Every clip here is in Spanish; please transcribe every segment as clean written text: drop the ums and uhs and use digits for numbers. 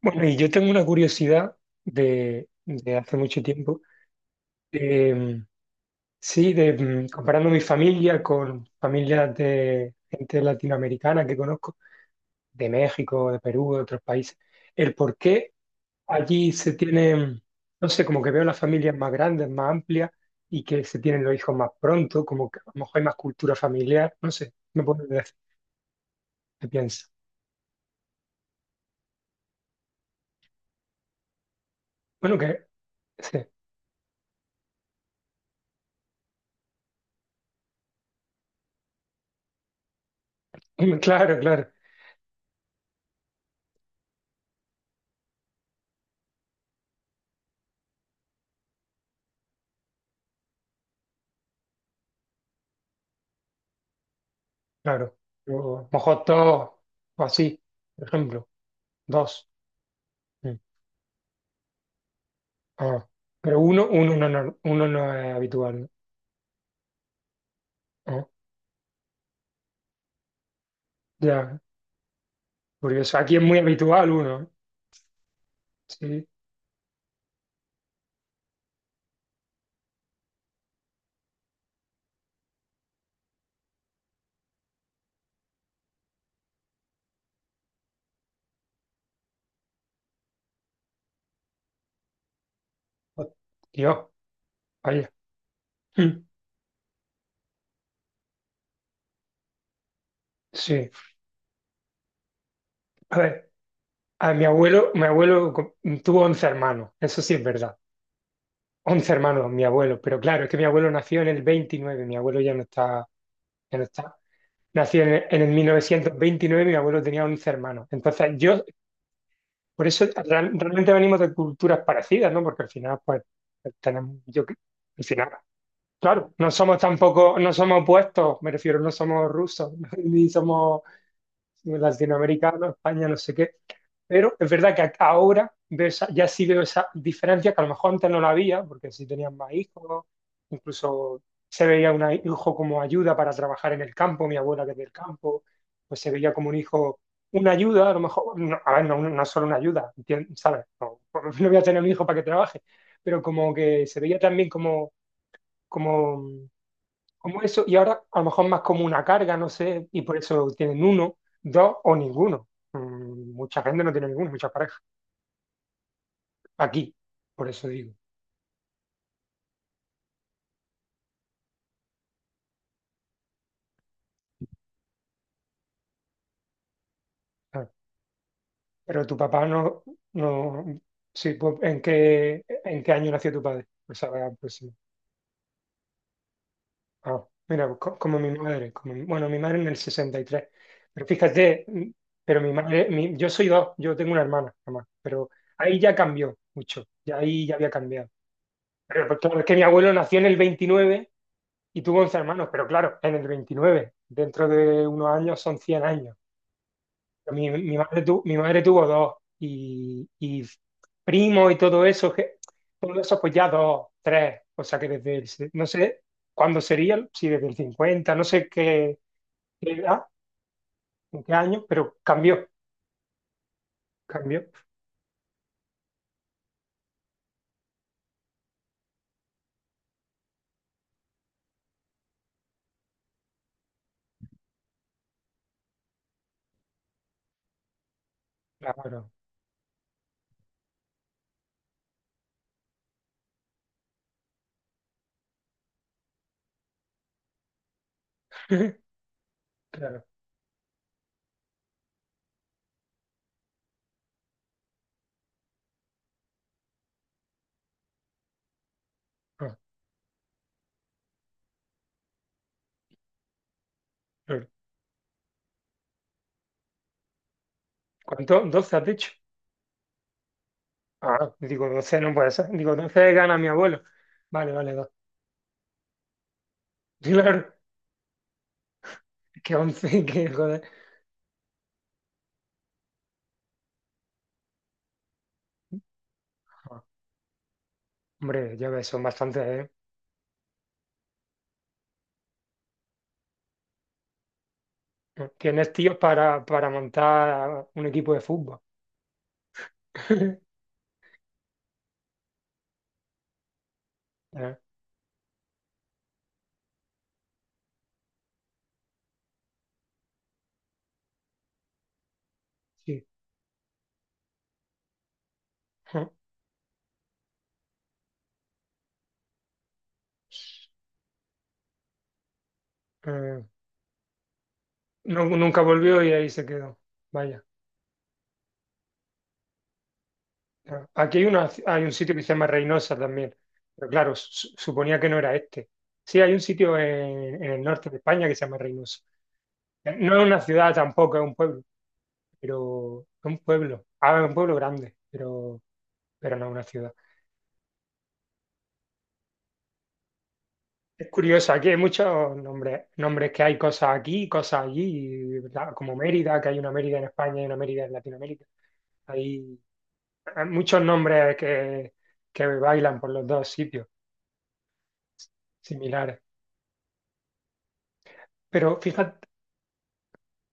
Bueno, y yo tengo una curiosidad de hace mucho tiempo. de, mm, sí, comparando mi familia con familias de gente latinoamericana que conozco, de México, de Perú, de otros países, el por qué allí se tienen, no sé, como que veo las familias más grandes, más amplias y que se tienen los hijos más pronto, como que a lo mejor hay más cultura familiar, no sé, no puedo decir qué piensas. Bueno, que, sí. Claro, claro. Claro. Yo mojo dos o así, por ejemplo, dos. Mm. Ah, pero uno no es habitual, ¿no? Ah, ya, curioso. Aquí es muy habitual uno, ¿eh? Sí. Oh, Dios, vaya. Mm. Sí. A ver, a mi abuelo, tuvo 11 hermanos, eso sí es verdad. 11 hermanos, mi abuelo, pero claro, es que mi abuelo nació en el 29. Mi abuelo ya no está, ya no está. Nació en el 1929. Mi abuelo tenía 11 hermanos. Entonces, yo por eso realmente venimos de culturas parecidas, ¿no? Porque al final, pues, tenemos, yo, que- al final, claro, no somos tampoco, no somos opuestos, me refiero, no somos rusos, ni somos latinoamericano, España, no sé qué. Pero es verdad que ahora veo ya sí veo esa diferencia que a lo mejor antes no la había, porque sí tenían más hijos, incluso se veía un hijo como ayuda para trabajar en el campo, mi abuela que es del campo, pues se veía como un hijo, una ayuda, a lo mejor, no, a ver, no, no solo una ayuda, ¿sabes? No, no voy a tener un hijo para que trabaje, pero como que se veía también como como eso, y ahora a lo mejor más como una carga, no sé, y por eso tienen uno, dos o ninguno. Mm. Mucha gente no tiene ninguno, muchas parejas. Aquí, por eso digo. Claro. Pero tu papá no, no, sí, pues, ¿en qué año nació tu padre? Pues, a ver, pues, sí. Ah, mira, pues, como mi madre, como, bueno, mi madre en el 63. Pero fíjate, pero yo soy dos, yo tengo una hermana, nomás, pero ahí ya cambió mucho, ya ahí ya había cambiado. Pero pues, claro, es que mi abuelo nació en el 29 y tuvo 11 hermanos, pero claro, en el 29 dentro de unos años son 100 años. Pero mi madre tuvo dos y primo y todo eso, que, todo eso pues ya dos, tres, o sea que no sé cuándo sería, si desde el 50 no sé qué, qué edad, en qué año, pero cambió, cambió. Claro, claro. Ah, claro. ¿Cuánto? ¿12 has dicho? Ah, digo 12 no puede ser, digo 12 gana mi abuelo. Vale, vale, dos. Claro. Que once, que joder. Hombre, ya ves, son bastantes, ¿eh? Tienes tíos para montar un equipo de fútbol. Eh, Sí. Eh, Nunca volvió y ahí se quedó. Vaya. Aquí hay un sitio que se llama Reynosa también. Pero claro, suponía que no era este. Sí, hay un sitio en el norte de España que se llama Reynosa. No es una ciudad tampoco, es un pueblo, pero es un pueblo. Ah, es un pueblo grande, pero no es una ciudad. Es curioso, aquí hay muchos nombres, nombres que hay cosas aquí, cosas allí, como Mérida, que hay una Mérida en España y una Mérida en Latinoamérica. Hay, hay muchos nombres que bailan por los dos sitios similares. Pero fíjate,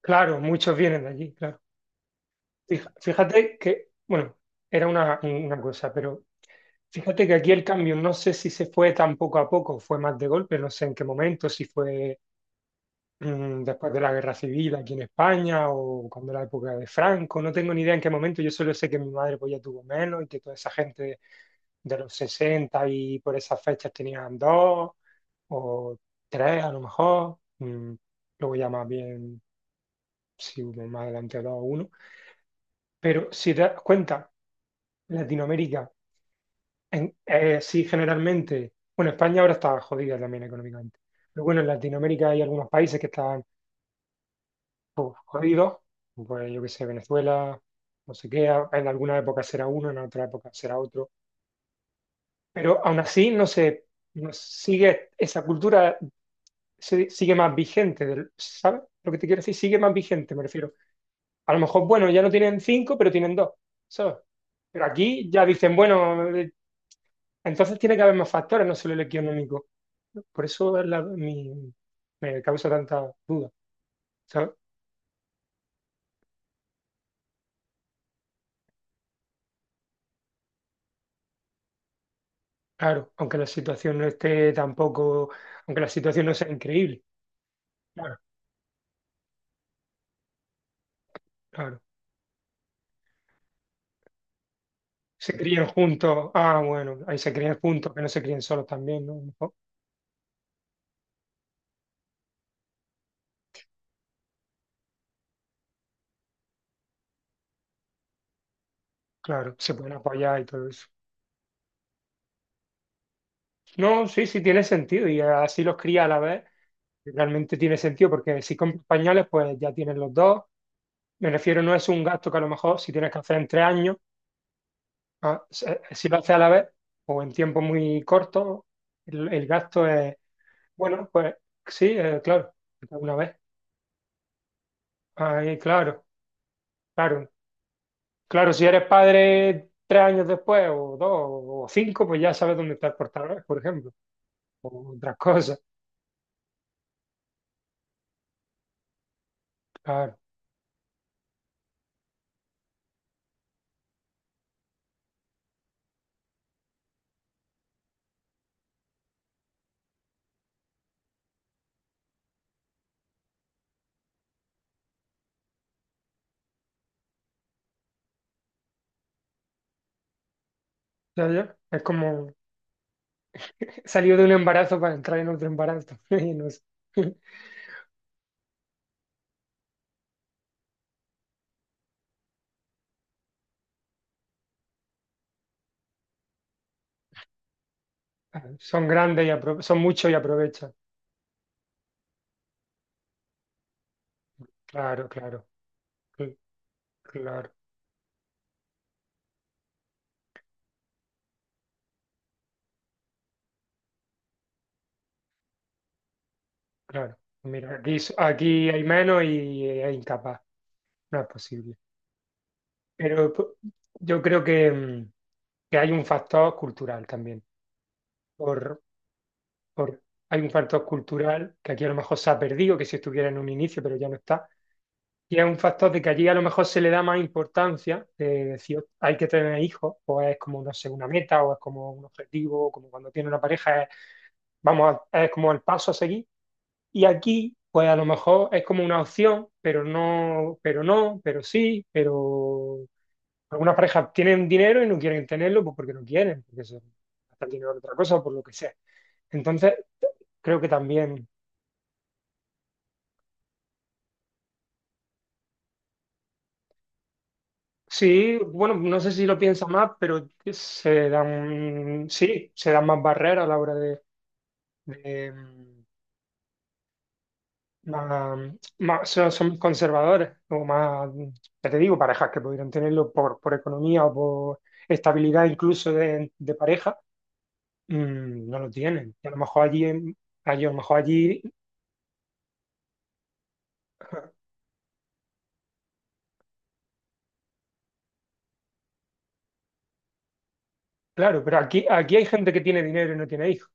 claro, muchos vienen de allí, claro. Fíjate que, bueno, era una cosa, pero fíjate que aquí el cambio, no sé si se fue tan poco a poco, fue más de golpe, no sé en qué momento, si fue después de la guerra civil aquí en España o cuando la época de Franco, no tengo ni idea en qué momento, yo solo sé que mi madre pues ya tuvo menos y que toda esa gente de los 60 y por esas fechas tenían dos o tres a lo mejor, luego ya más bien si hubo más adelante dos o uno, pero si te das cuenta, Latinoamérica sí generalmente, bueno, España ahora está jodida también económicamente. Pero bueno, en Latinoamérica hay algunos países que están uf, jodido, pues yo qué sé, Venezuela, no sé qué, en alguna época será uno, en otra época será otro, pero aún así no sigue, esa cultura sigue más vigente, ¿sabes? Lo que te quiero decir, sigue más vigente, me refiero. A lo mejor, bueno, ya no tienen cinco, pero tienen dos, ¿sabes? Pero aquí ya dicen, bueno, entonces tiene que haber más factores, no solo el económico. Por eso me causa tanta duda, ¿sabes? Claro, aunque la situación no esté tampoco, aunque la situación no sea increíble. Claro, claro. Se crían juntos. Ah, bueno, ahí se crían juntos, que no se críen solos también, ¿no? A lo mejor. Claro, se pueden apoyar y todo eso. No, sí, sí, tiene sentido. Y así los cría a la vez. Realmente tiene sentido, porque si compras pañales, pues ya tienen los dos. Me refiero, no es un gasto que a lo mejor si tienes que hacer en 3 años, ah, si lo haces a la vez o en tiempo muy corto, el gasto es, bueno, pues sí, claro, una vez. Ay, claro, claro. Claro, si eres padre 3 años después, o dos, o cinco, pues ya sabes dónde está el portador, por ejemplo, o otras cosas. Claro, ya, ya. Es como salir de un embarazo para entrar en otro embarazo. Y no sé. Son grandes y son muchos y aprovechan. Claro, claro, cl- claro, claro. Mira, aquí, aquí hay menos y es incapaz, no es posible. Pero yo creo que hay un factor cultural también. por- Hay un factor cultural que aquí a lo mejor se ha perdido, que si estuviera en un inicio, pero ya no está. Y es un factor de que allí a lo mejor se le da más importancia, de decir, hay que tener hijos, o es como, no sé, una meta, o es como un objetivo, o como cuando tiene una pareja, es, vamos, es como el paso a seguir. Y aquí, pues a lo mejor es como una opción, pero no, pero no, pero sí, pero algunas parejas tienen dinero y no quieren tenerlo, pues porque no quieren, porque se gastan el dinero en otra cosa, por lo que sea. Entonces, creo que también sí, bueno, no sé si lo piensa más, pero se dan, sí, se dan más barreras a la hora de, de, mm, más- son conservadores, o más, ya te digo, parejas que pudieran tenerlo por economía o por estabilidad incluso de pareja, no lo tienen. Y a lo mejor allí, a lo mejor allí, claro, pero aquí, aquí hay gente que tiene dinero y no tiene hijos,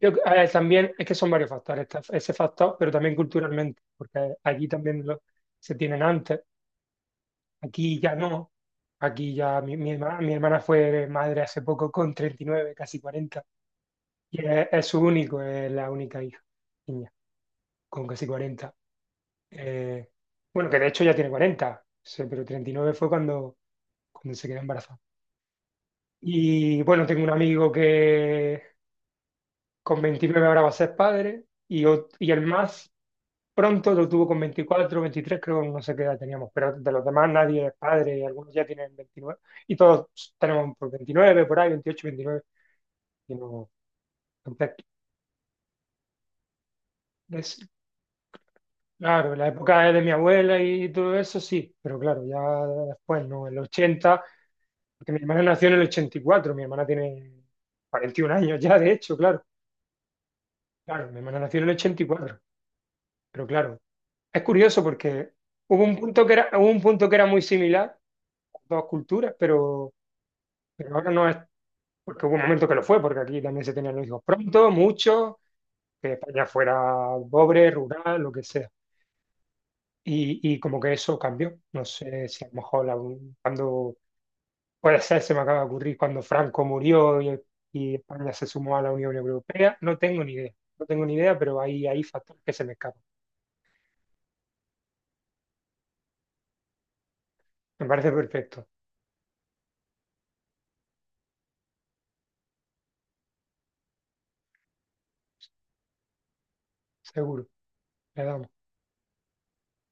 yo, a también es que son varios factores, está ese factor, pero también culturalmente, porque allí también se tienen antes, aquí ya no, aquí ya mi hermana fue madre hace poco con 39, casi 40, y es, es la única hija, niña, con casi 40. Eh, bueno, que de hecho ya tiene 40, sí, pero 39 fue cuando se quedó embarazada. Y bueno, tengo un amigo que con 29 ahora va a ser padre, y el más pronto lo tuvo con 24, 23 creo, no sé qué edad teníamos, pero de los demás nadie es padre, algunos ya tienen 29 y todos tenemos por 29 por ahí, 28, 29 y no, entonces, es, claro, la época de mi abuela y todo eso, sí, pero claro, ya después, ¿no? El 80, porque mi hermana nació en el 84. Mi hermana tiene 41 años ya, de hecho, claro, claro, mi hermana nació en el ochenta y cuatro, pero claro, es curioso porque hubo un punto que era, hubo un punto que era muy similar, dos culturas, pero, ahora no es, porque hubo un momento que lo fue, porque aquí también se tenían los hijos pronto, muchos, que España fuera pobre, rural, lo que sea. Y como que eso cambió. No sé si a lo mejor cuando, puede ser, se me acaba de ocurrir, cuando Franco murió y España se sumó a la Unión Europea, no tengo ni idea, no tengo ni idea, pero hay factores que se me escapan. Me parece perfecto, seguro. Le damos.